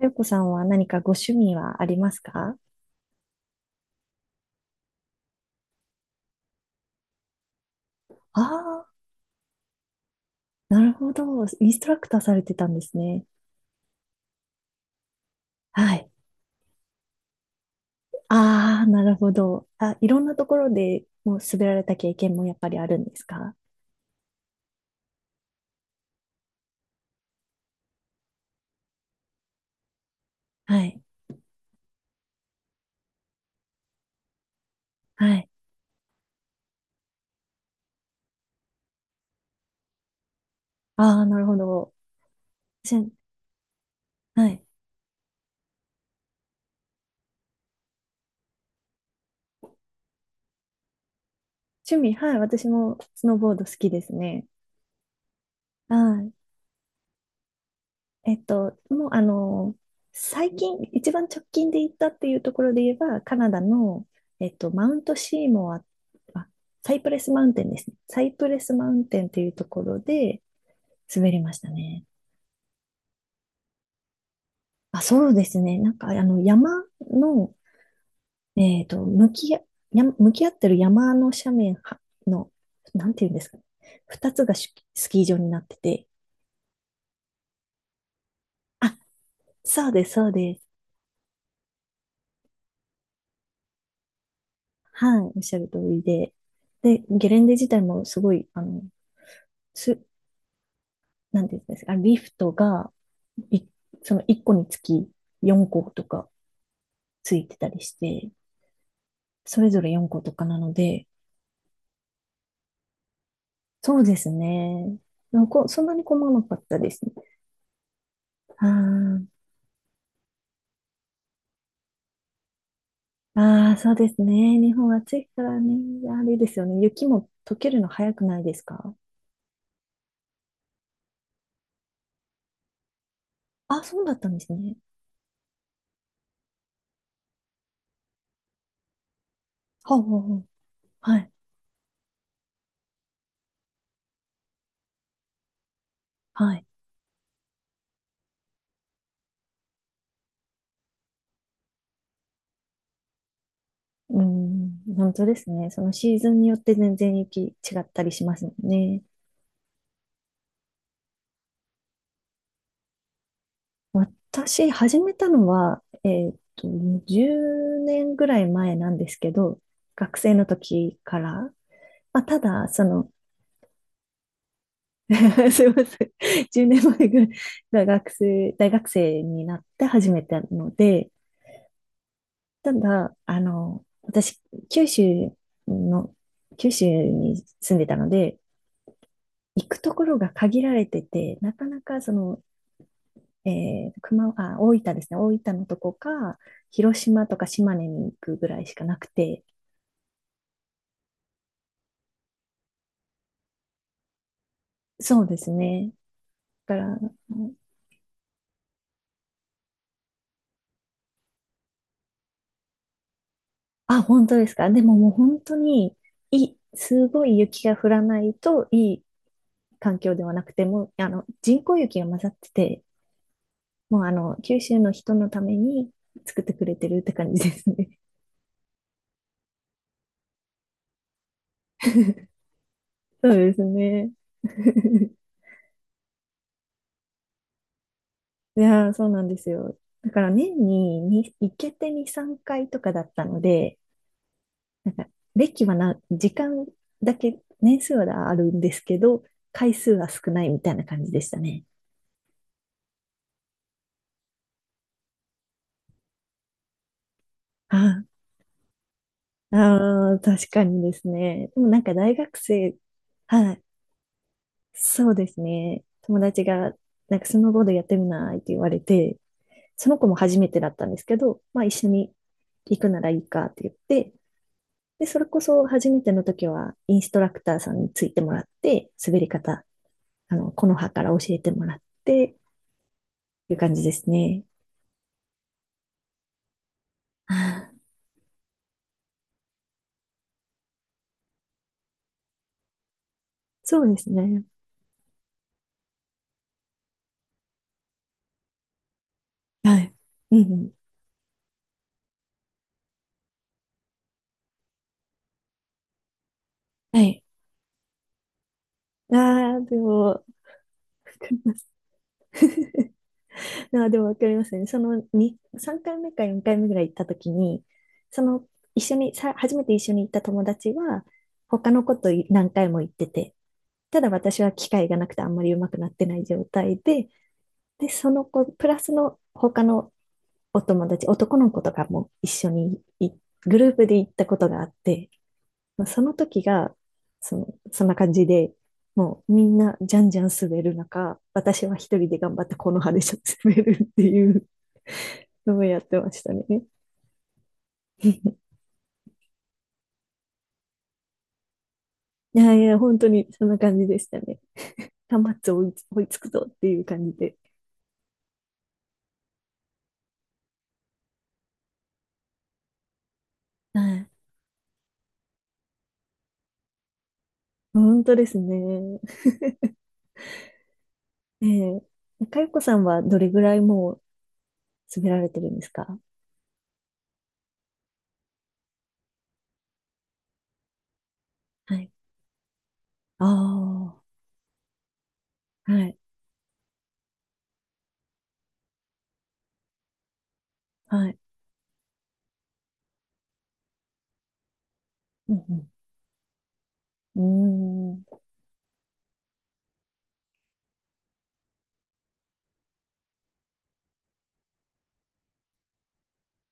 あやこさんは何かご趣味はありますか？ああー、なるほど。インストラクターされてたんですね。はい。ああ、なるほど。あ、いろんなところでもう滑られた経験もやっぱりあるんですか？はい。はい。ああ、なるほど。しはい。趣味、はい。私もスノーボード好きですね。はい。もう最近、一番直近で行ったっていうところで言えば、カナダの、マウントシーモア、あ、サイプレスマウンテンですね。サイプレスマウンテンというところで滑りましたね。あ、そうですね。なんか、山の、えっと、向きあ、向き合ってる山の斜面はの、なんていうんですかね。二つがスキー場になってて、あ、そうです、そうです。はい、おっしゃる通りで。で、ゲレンデ自体もすごい、す、なんていうんですか、リフトが、いその1個につき4個とかついてたりして、それぞれ4個とかなので、そうですね。なんかそんなに困らなかったですね。ああ、ああ、そうですね。日本暑いからね。あれですよね。雪も溶けるの早くないですか？あ、そうだったんですね。はあ、はあはあはい、はい。うん、本当ですね。そのシーズンによって全然雪違ったりしますもんね。私、始めたのは、10年ぐらい前なんですけど、学生の時から、まあ、ただ、その。 すいません、10年前ぐらい学生、大学生になって始めたので、ただ、私、九州の、九州に住んでたので、行くところが限られてて、なかなかあ、大分ですね。大分のとこか、広島とか島根に行くぐらいしかなくて。そうですね。だから、あ、本当ですか。でももう本当に、すごい雪が降らないといい環境ではなくて、もう、人工雪が混ざってて、もう九州の人のために作ってくれてるって感じですね。そうですね。いやー、そうなんですよ。だから年に行けて2、3回とかだったので、なんか、歴はな、時間だけ、年数はあるんですけど、回数は少ないみたいな感じでしたね。ああー、確かにですね。でもなんか大学生、はい、そうですね。友達が、なんかスノーボードやってみないって言われて、その子も初めてだったんですけど、まあ一緒に行くならいいかって言って、で、それこそ初めての時はインストラクターさんについてもらって、滑り方、木の葉から教えてもらって、っていう感じですね。そうですね。はい。うんうん。はい。ああ、でも、わかります。ああ、でもわかりますね。そのに3回目か4回目ぐらい行った時に、その一緒に、初めて一緒に行った友達は、他の子と何回も行ってて、ただ私は機会がなくてあんまり上手くなってない状態で、で、その子、プラスの他のお友達、男の子とかも一緒にグループで行ったことがあって、まあ、その時が、その、そんな感じで、もうみんなじゃんじゃん滑る中、私は一人で頑張ってこの葉で滑るっていうのをやってましたね。いやいや、本当にそんな感じでしたね。端末追いつくぞっていう感じで。はい。本当ですね。えかよこさんはどれぐらいもう滑られてるんですか？はい。ああ、はい、はい。うんうん。うーん。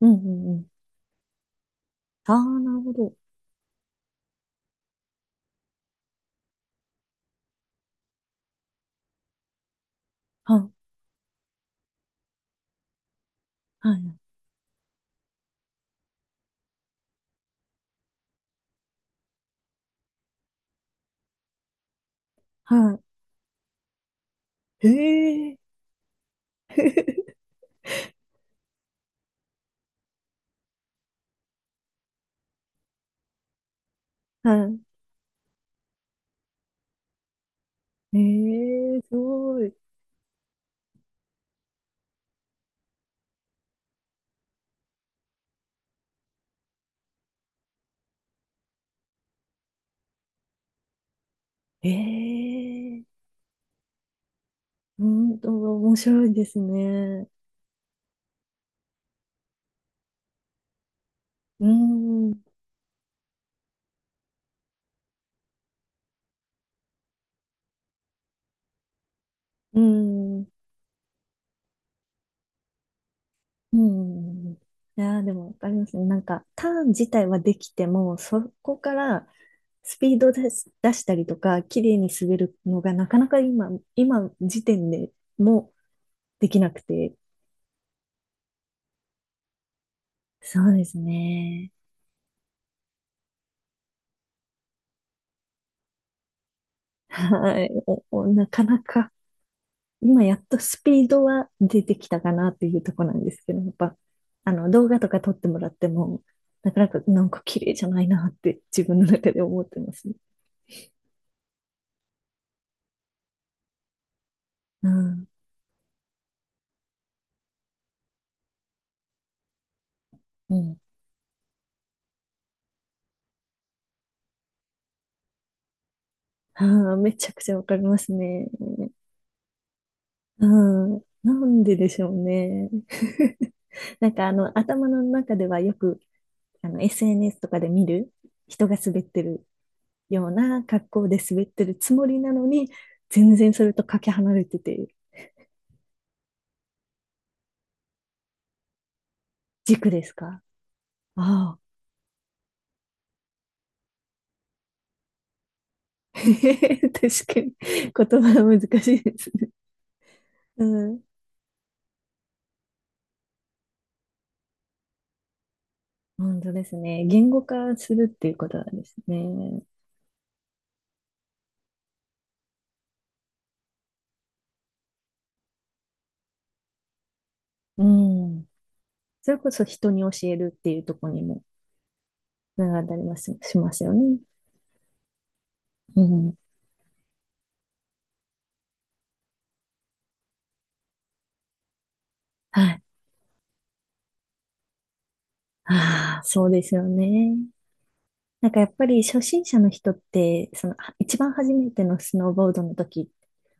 うんうんうん。ああ、なるほど。は、はい。はい。へえ。 はい。ええ、すごい。ええ、本当は面白いですね。うん、うん、うん。いやー、でもわかりますね。なんか、ターン自体はできても、そこからスピード出し、出したりとか、綺麗に滑るのがなかなか今時点でもできなくて。そうですね。はい。おおなかなか。今やっとスピードは出てきたかなっていうところなんですけど、やっぱ、動画とか撮ってもらっても、なかなかなんか綺麗じゃないなって自分の中で思ってますね。うん。うん。ああ、めちゃくちゃわかりますね。うん。なんででしょうね。なんか頭の中ではよく、SNS とかで見る人が滑ってるような格好で滑ってるつもりなのに、全然それとかけ離れてて、軸ですか？ああ。確かに。言葉は難しいですね。うん。本当ですね。言語化するっていうことなんですね。うん。それこそ人に教えるっていうところにもつながったります、しますよね。うん。はい。ああ、そうですよね。なんかやっぱり初心者の人って、そのは一番初めてのスノーボードの時、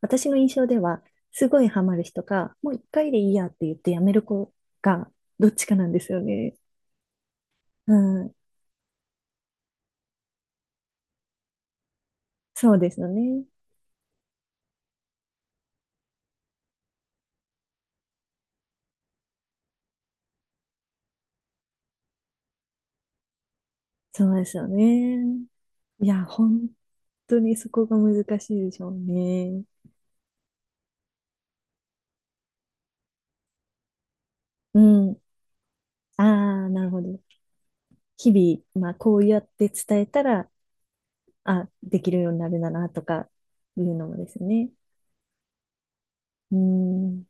私の印象では、すごいハマる人か、もう一回でいいやって言ってやめる子が、どっちかなんですよね。うん。そうですよね。そうですよね。いや、本当にそこが難しいでしょうね。うん。ああ、なるほど。日々、まあ、こうやって伝えたら、あ、できるようになるんだな、とかいうのもですね。うん。